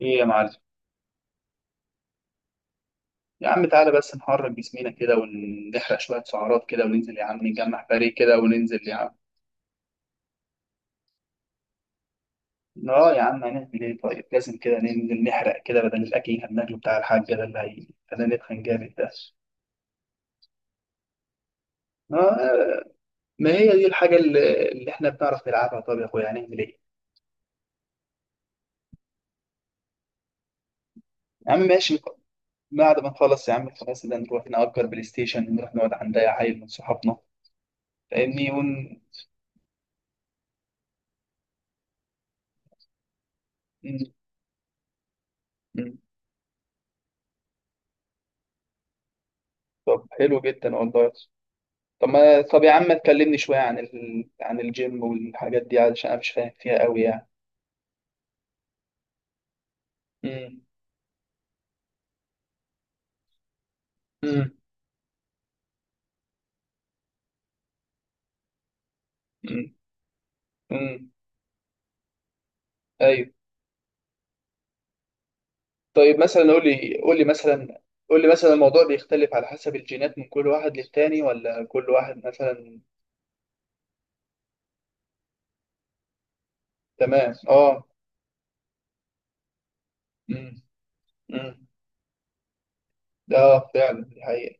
ايه يا معلم. يا عم تعالى بس نحرك جسمينا كده ونحرق شوية سعرات كده وننزل يا عم، نجمع فريق كده وننزل يا عم. اه يا عم هنعمل ايه؟ طيب لازم كده ننزل نحرق كده بدل الاكل اللي هناكله بتاع الحاج ده اللي هيخلينا نتخن جامد ده. اه، ما هي دي الحاجة اللي احنا بنعرف نلعبها. طب يا اخويا هنعمل ايه؟ يا عم ماشي. بعد ما نخلص يا عم خلاص ده نروح نأجر بلاي ستيشن ونروح نقعد عند اي عيل من صحابنا. فاهمني. م- م- طب حلو جدا والله. طب يا عم ما تكلمني شوية عن الجيم والحاجات دي علشان أنا مش فاهم فيها قوي يعني. امم. امم. امم. امم. أيوه. طيب مثلا قول لي مثلا، قول لي مثلا الموضوع بيختلف على حسب الجينات من كل واحد للتاني ولا كل واحد مثلا؟ تمام، اه. امم. امم. اه فعلا دي حقيقة.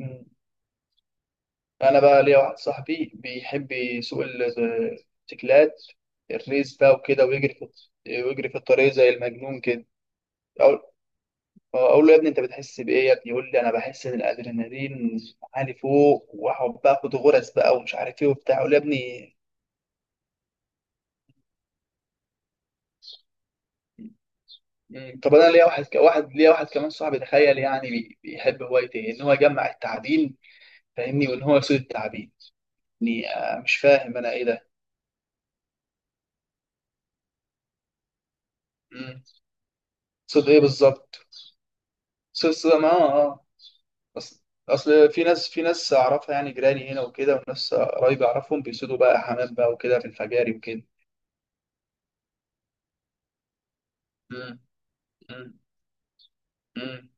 امم. أنا بقى ليا واحد صاحبي بيحب يسوق التكلات، الريس بقى وكده ويجري في الطريق زي المجنون كده. اقول له يا ابني انت بتحس بايه يا ابني؟ يقول لي انا بحس ان الادرينالين عالي فوق، واقعد بقى اخد غرز بقى ومش عارف ايه وبتاع، اقول له يا ابني. مم. طب انا ليا واحد ك- واحد ليا واحد كمان صاحبي، تخيل يعني، بيحب هوايته إيه؟ ان هو يجمع التعابين. فاهمني؟ وان هو يصيد التعابين. يعني مش فاهم انا ايه ده. مم. صيد ايه بالظبط؟ صيد ما اصل، في ناس اعرفها يعني جيراني هنا وكده وناس قرايبي اعرفهم بيصيدوا بقى حمام بقى وكده في الفجاري وكده. مم. مم. مم.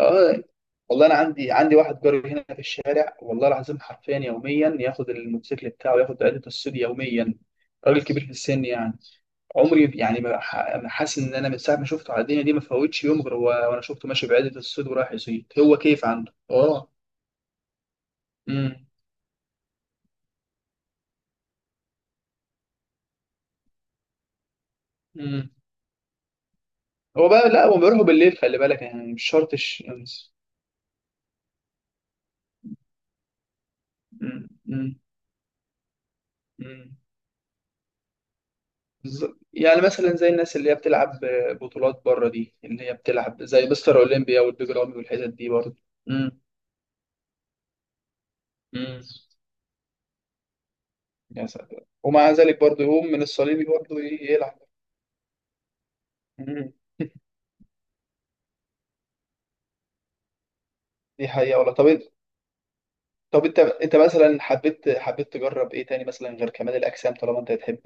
اه. والله انا عندي واحد جاري هنا في الشارع، والله العظيم حرفيا يوميا ياخد الموتوسيكل بتاعه ياخد عدة الصيد يوميا. راجل كبير في السن يعني. عمري يعني ما حاسس ان انا من ساعه ما شفته على الدنيا دي ما فوتش يوم غير و- وانا شفته ماشي بعدة الصيد ورايح يصيد، هو كيف عنده اه. امم. امم. هو بقى لا هو بيروحوا بالليل، خلي بالك يعني مش شرط امم. امم. يعني مثلا زي الناس اللي هي بتلعب بطولات بره دي، اللي هي بتلعب زي مستر اولمبيا والبيج رامي والحتت دي برضه. امم. امم. يا ساتر، ومع ذلك برضه يقوم من الصليبي برضه يلعب. امم. دي حقيقة والله. طب انت، طب انت مثلا حبيت تجرب ايه تاني مثلا غير كمال الاجسام طالما انت بتحب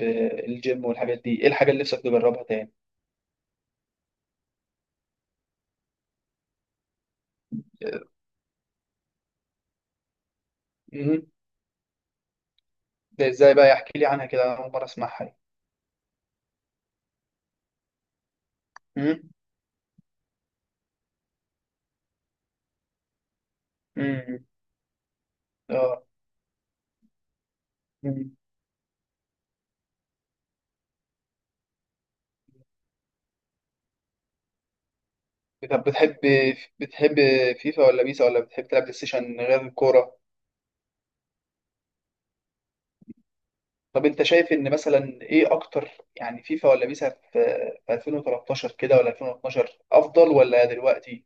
الجيم والحاجات دي؟ ايه الحاجة اللي نفسك تجربها تاني؟ امم. ده ازاي بقى؟ يحكي لي عنها كده، انا اول مرة اسمعها. امم. امم. اه. طب بتحب فيفا ولا بيسا ولا بتحب تلعب بلاي ستيشن غير الكورة؟ طب انت شايف ان مثلا ايه اكتر؟ يعني فيفا ولا بيسا في 2013 كده ولا 2012 افضل ولا دلوقتي؟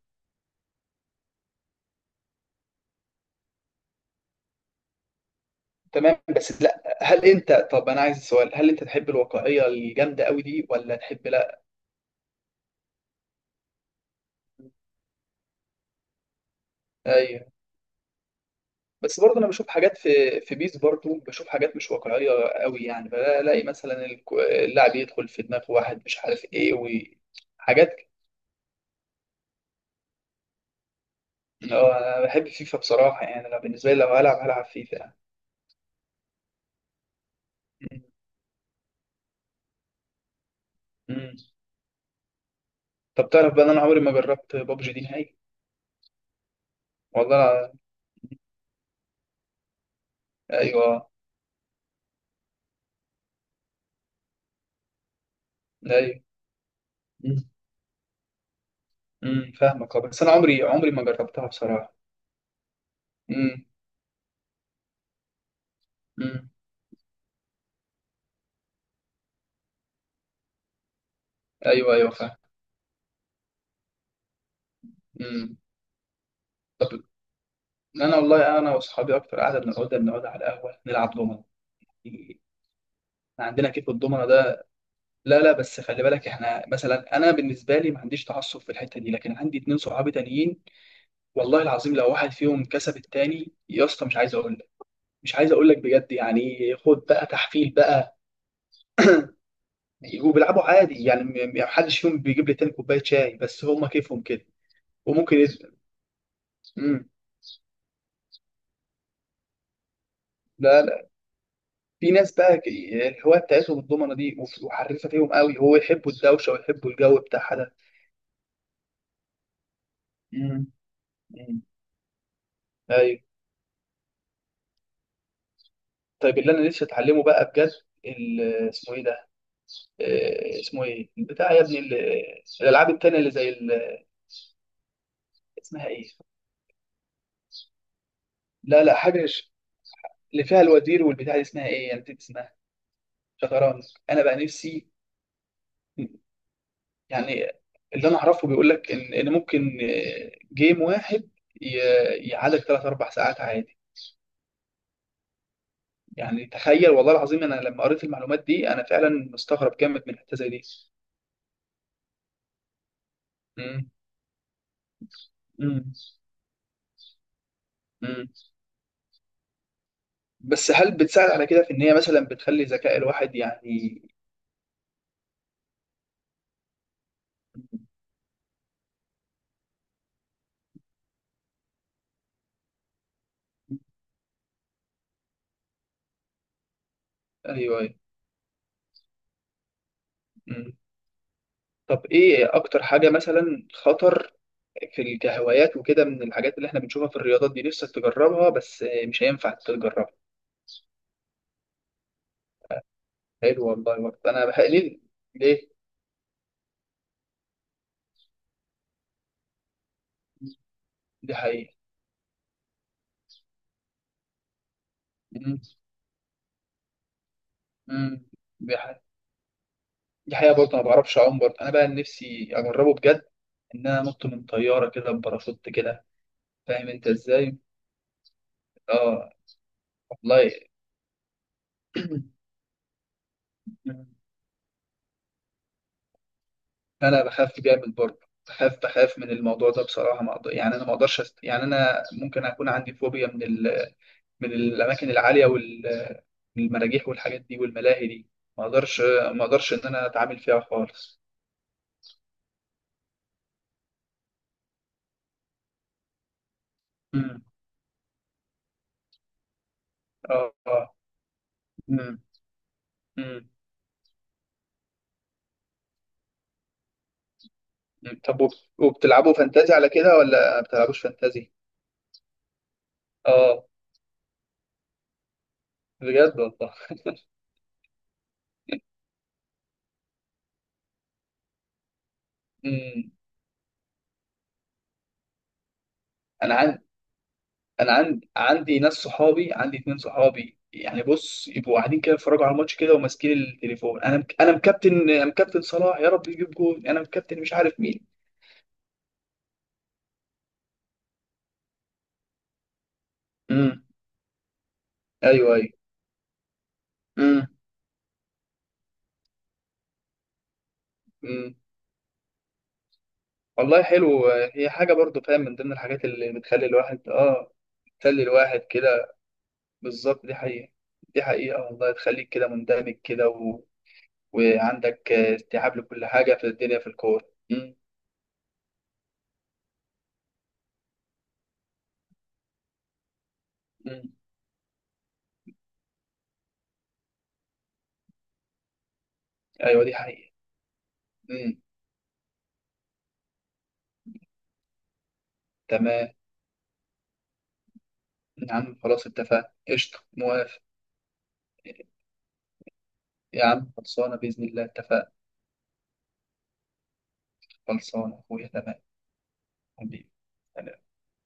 تمام بس لا، هل انت، طب انا عايز السؤال، هل انت تحب الواقعية الجامدة قوي دي ولا تحب لا؟ ايوه. بس برضه انا بشوف حاجات في بيس، برضه بشوف حاجات مش واقعية قوي يعني. بلاقي مثلا اللاعب يدخل في دماغ واحد مش عارف ايه وحاجات. هو انا بحب فيفا بصراحه، يعني انا بالنسبه لي لو هلعب هلعب فيفا يعني. امم. طب تعرف بقى إن انا عمري ما جربت بابجي دي نهائي؟ والله. ايوه ايوه. امم، فاهمك. بس انا عمري ما جربتها بصراحه. امم. امم. ايوه ايوه فاهم. امم. طب انا والله انا واصحابي اكتر قاعده، بنقعد على القهوه نلعب دومنه. إحنا عندنا كيف الضمنه ده. لا لا، بس خلي بالك احنا مثلا، انا بالنسبه لي ما عنديش تعصب في الحته دي، لكن عندي 2 صحابي تانيين والله العظيم لو واحد فيهم كسب التاني يا اسطى، مش عايز اقول لك، مش عايز اقول لك بجد يعني، خد بقى تحفيل بقى. وبيلعبوا عادي يعني، محدش فيهم بيجيب لي تاني كوبايه شاي، بس هما كيفهم كده وممكن يزعل. امم. لا لا، في ناس بقى الهوايه بتاعتهم الضمنه دي، وحريفه فيهم قوي، هو يحبوا الدوشه ويحبوا الجو بتاعها ده. امم. امم. ايوه. طيب اللي انا لسه اتعلمه بقى بجد، ال- اسمه ايه ده؟ اسمه ايه البتاع يا ابني؟ الالعاب التانيه اللي زي اسمها ايه؟ لا لا حاجه، اللي فيها الوزير والبتاع دي اسمها ايه يعني؟ نسيت اسمها. شطرنج. انا بقى نفسي، يعني اللي انا اعرفه بيقول لك ان ممكن جيم واحد ي- يعادل 3 4 ساعات عادي. يعني تخيل، والله العظيم انا لما قريت المعلومات دي انا فعلا مستغرب جامد من حته زي دي. مم. مم. مم. بس هل بتساعد على كده في ان هي مثلا بتخلي ذكاء الواحد يعني؟ ايوه ايوه. مم. طب ايه اكتر حاجه مثلا خطر كهوايات وكده من الحاجات اللي احنا بنشوفها في الرياضات دي نفسك تجربها بس مش هينفع تجربها؟ حلو والله. برضه انا بحق ليه؟ ليه؟ دي حقيقة. مم. مم. دي حقيقة. دي حقيقة، برضه انا ما بعرفش اعوم، برضه انا بقى نفسي اجربه بجد ان انا انط من طيارة كده بباراشوت كده. فاهم انت ازاي؟ اه. والله انا بخاف جامد برضه. بخاف من الموضوع ده بصراحه. ما أقدر يعني، انا ما اقدرش. يعني انا ممكن اكون عندي فوبيا من الاماكن العاليه والمراجيح والحاجات دي والملاهي دي. ما اقدرش، ما اقدرش ان انا اتعامل فيها خالص. امم. اه اه. امم. امم. أمم. وبتلعبوا فانتازي على كده ولا ما بتلعبوش فانتازي؟ اه، بجد والله. امم. انا انا عندي ناس صحابي، عندي 2 صحابي يعني، بص يبقوا قاعدين كده يتفرجوا على الماتش كده وماسكين التليفون، انا مكابتن انا مكابتن صلاح يا رب يجيب جول، انا مكابتن مش عارف مين. امم. ايوه ايوه. امم. امم. والله حلو. هي حاجه برضو، فاهم، من ضمن الحاجات اللي بتخلي الواحد اه بتخلي الواحد كده بالظبط. دي حقيقه. دي حقيقه والله، تخليك كده مندمج كده وعندك استيعاب لكل حاجه في الدنيا في الكوره. امم. امم. ايوه دي حقيقه. امم. تمام يا عم خلاص اتفقنا، قشطة موافق. يا عم خلصانة بإذن الله اتفقنا. خلصانة يا أخويا تمام. حبيبي.